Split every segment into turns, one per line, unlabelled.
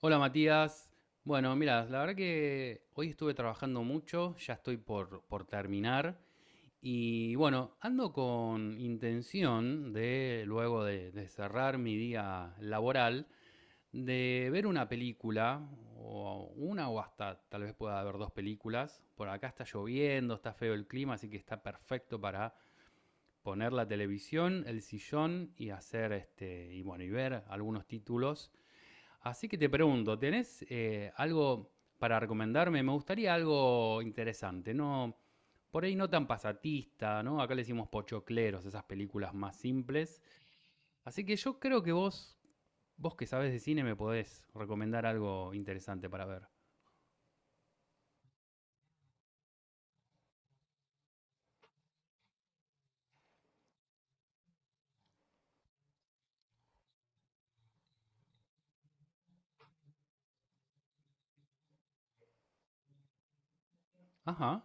Hola Matías. Bueno, mira, la verdad que hoy estuve trabajando mucho, ya estoy por terminar y bueno, ando con intención de, luego de cerrar mi día laboral, de ver una película o hasta tal vez pueda haber dos películas. Por acá está lloviendo, está feo el clima, así que está perfecto para poner la televisión, el sillón y hacer y bueno, y ver algunos títulos. Así que te pregunto, ¿tenés algo para recomendarme? Me gustaría algo interesante, ¿no? Por ahí no tan pasatista, ¿no? Acá le decimos pochocleros, esas películas más simples. Así que yo creo que vos que sabes de cine, me podés recomendar algo interesante para ver. Ajá.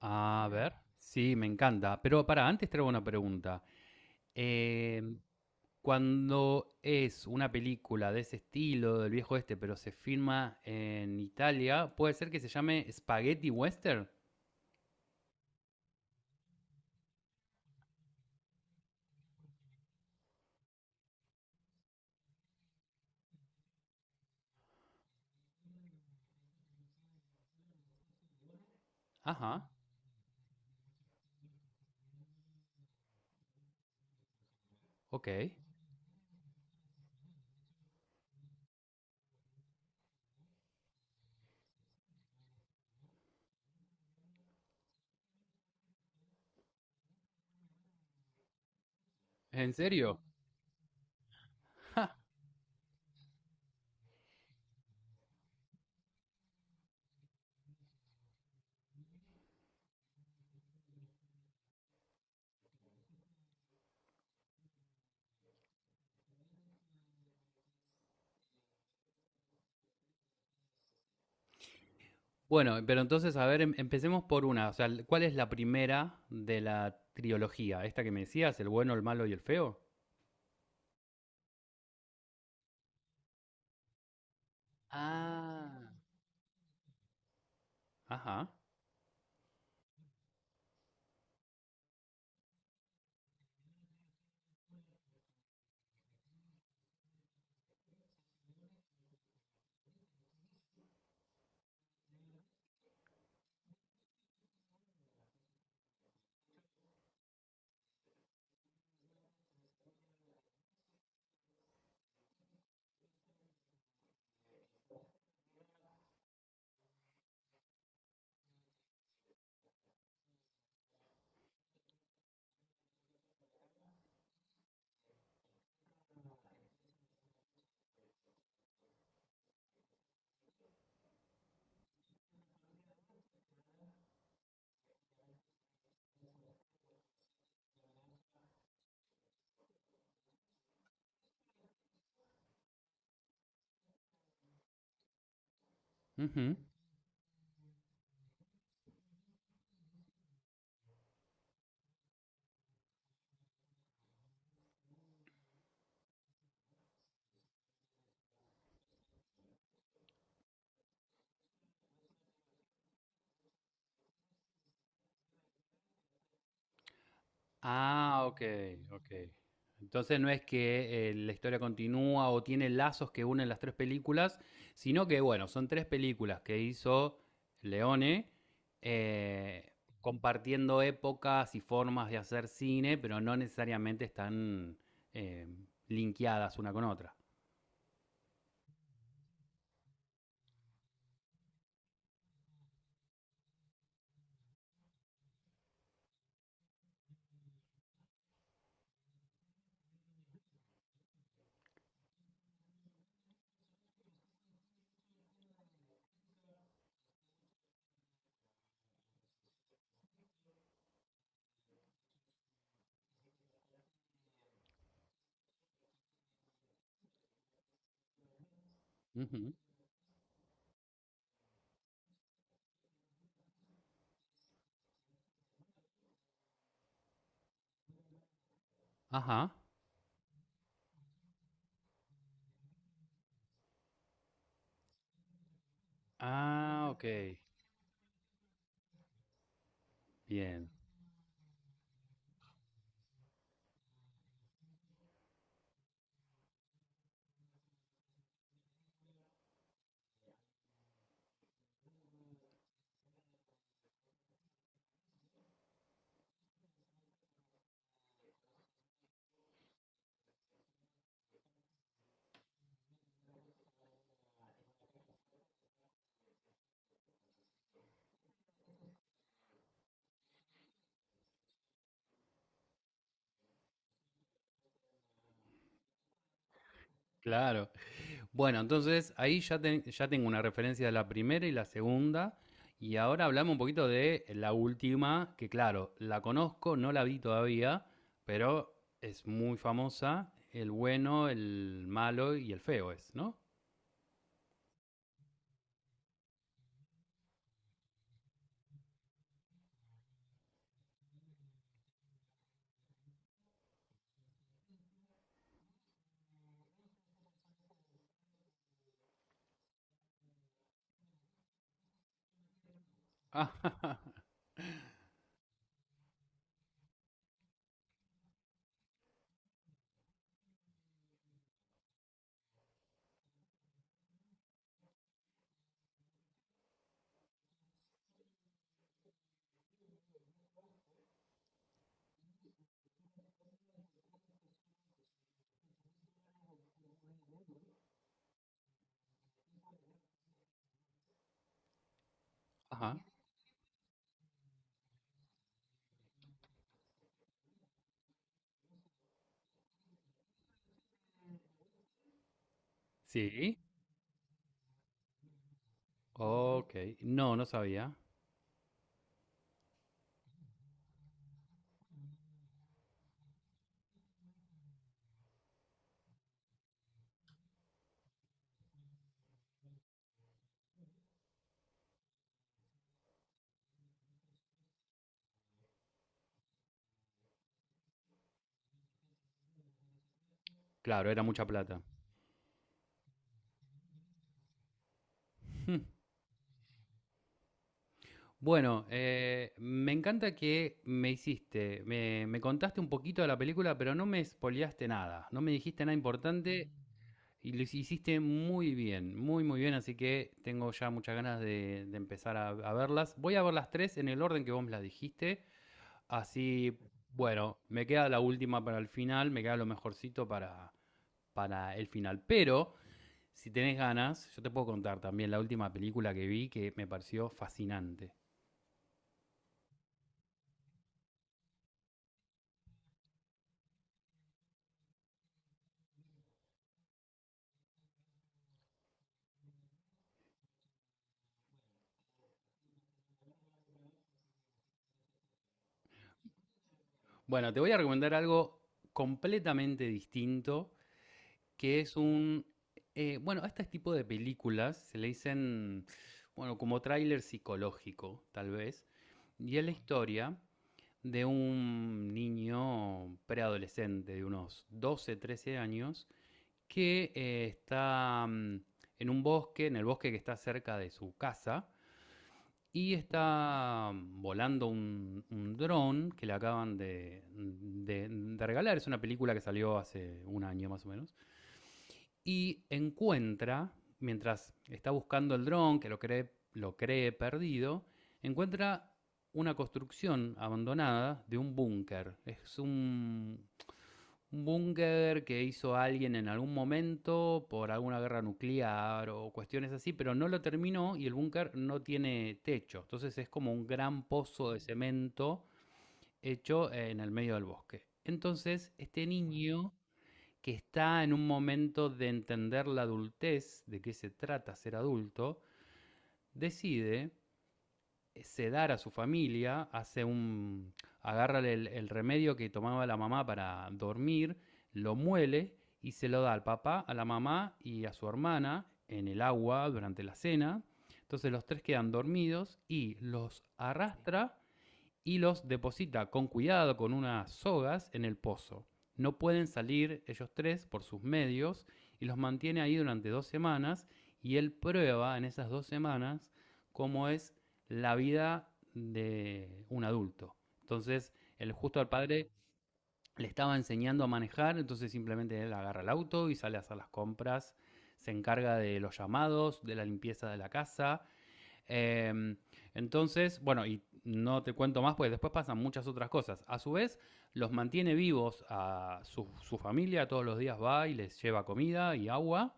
A ver. Sí, me encanta. Pero para, antes traigo una pregunta. Eh, cuando es una película de ese estilo, del viejo este, pero se filma en Italia, puede ser que se llame Spaghetti Western. Ajá, ok. ¿En serio? Bueno, pero entonces, a ver, empecemos por una. O sea, ¿cuál es la primera de la trilogía? ¿Esta que me decías, el bueno, el malo y el feo? Ah. Ajá. Ujú. Ah, ok, ok. Entonces no es que la historia continúa o tiene lazos que unen las tres películas, sino que, bueno, son tres películas que hizo Leone eh, compartiendo épocas y formas de hacer cine, pero no necesariamente están eh, linkeadas una con otra. Ujú. Ajá. Ah, ok. Bien. Claro. Bueno, entonces ahí ya, ya tengo una referencia de la primera y la segunda. Y ahora hablamos un poquito de la última, que claro, la conozco, no la vi todavía, pero es muy famosa. El bueno, el malo y el feo es, ¿no? Ajá. Ajá. Sí. Ok. No, no sabía. Claro, era mucha plata. Bueno, me encanta que me contaste un poquito de la película, pero no me spoileaste nada, no me dijiste nada importante. Y lo hiciste muy bien, muy muy bien, así que tengo ya muchas ganas de empezar a verlas. Voy a ver las tres en el orden que vos me las dijiste, así, bueno, me queda la última para el final, me queda lo mejorcito para el final. Pero, si tenés ganas, yo te puedo contar también la última película que vi que me pareció fascinante. Bueno, te voy a recomendar algo completamente distinto, que es un... bueno, a este tipo de películas se le dicen, bueno, como tráiler psicológico, tal vez. Y es la historia de un niño preadolescente de unos 12 13 años que está en un bosque, en el bosque que está cerca de su casa, y está volando un dron que le acaban de regalar. Es una película que salió hace un año más o menos y encuentra, mientras está buscando el dron, que lo cree perdido, encuentra una construcción abandonada de un búnker. Es un búnker que hizo alguien en algún momento por alguna guerra nuclear o cuestiones así, pero no lo terminó y el búnker no tiene techo. Entonces es como un gran pozo de cemento hecho en el medio del bosque. Entonces este niño que está en un momento de entender la adultez, de qué se trata ser adulto, decide sedar a su familia, hace un agarra el remedio que tomaba la mamá para dormir, lo muele y se lo da al papá, a la mamá y a su hermana en el agua durante la cena. Entonces los tres quedan dormidos y los arrastra y los deposita con cuidado con unas sogas en el pozo. No pueden salir ellos tres por sus medios y los mantiene ahí durante 2 semanas y él prueba en esas 2 semanas cómo es la vida de un adulto. Entonces, el justo al padre le estaba enseñando a manejar, entonces simplemente él agarra el auto y sale a hacer las compras, se encarga de los llamados, de la limpieza de la casa. eh, entonces, bueno, y no te cuento más, pues después pasan muchas otras cosas. A su vez, los mantiene vivos a su familia, todos los días va y les lleva comida y agua,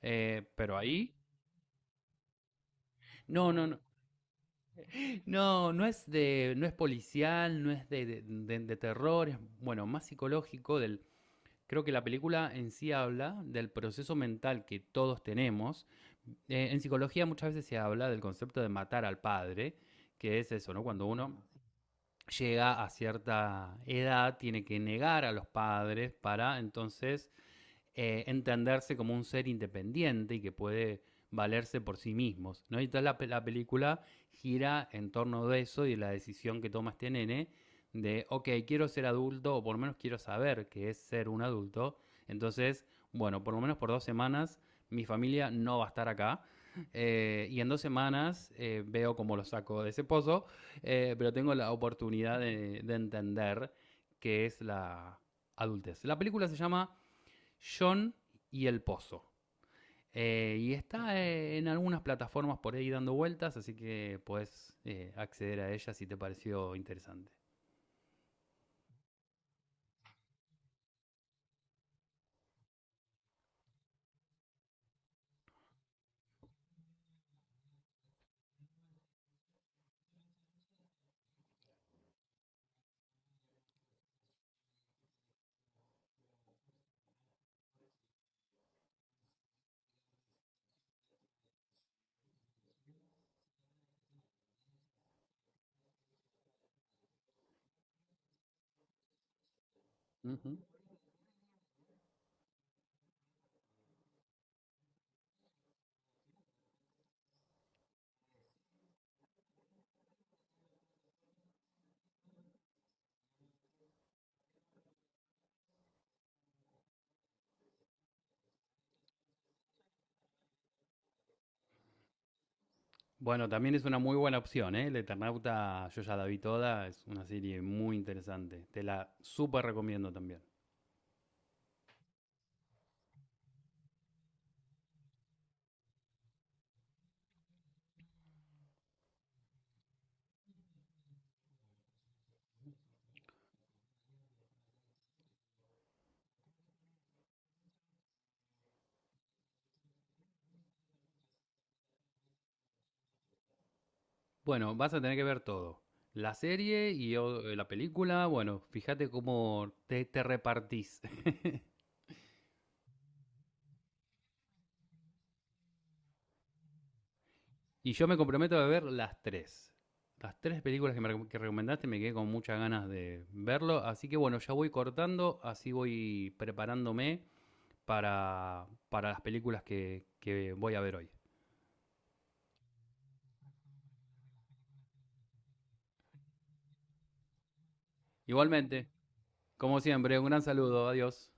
pero ahí... No, no, no, no, no es policial, no es de terror, es bueno, más psicológico del, creo que la película en sí habla del proceso mental que todos tenemos. En psicología muchas veces se habla del concepto de matar al padre, que es eso, ¿no? Cuando uno llega a cierta edad, tiene que negar a los padres para entonces entenderse como un ser independiente y que puede valerse por sí mismos, ¿no? Y entonces la película gira en torno de eso y de la decisión que toma este nene de, ok, quiero ser adulto o por lo menos quiero saber qué es ser un adulto. Entonces, bueno, por lo menos por 2 semanas mi familia no va a estar acá. Y en 2 semanas veo cómo lo saco de ese pozo, pero tengo la oportunidad de entender qué es la adultez. La película se llama John y El Pozo. Y está en algunas plataformas por ahí dando vueltas, así que puedes acceder a ella si te pareció interesante. Ujú. Bueno, también es una muy buena opción, ¿eh? El Eternauta, yo ya la vi toda, es una serie muy interesante. Te la súper recomiendo también. Bueno, vas a tener que ver todo. La serie y la película, bueno, fíjate cómo te repartís. Y yo me comprometo a ver las tres. Las tres películas que recomendaste me quedé con muchas ganas de verlo. Así que bueno, ya voy cortando, así voy preparándome para las películas que voy a ver hoy. Igualmente, como siempre, un gran saludo, adiós.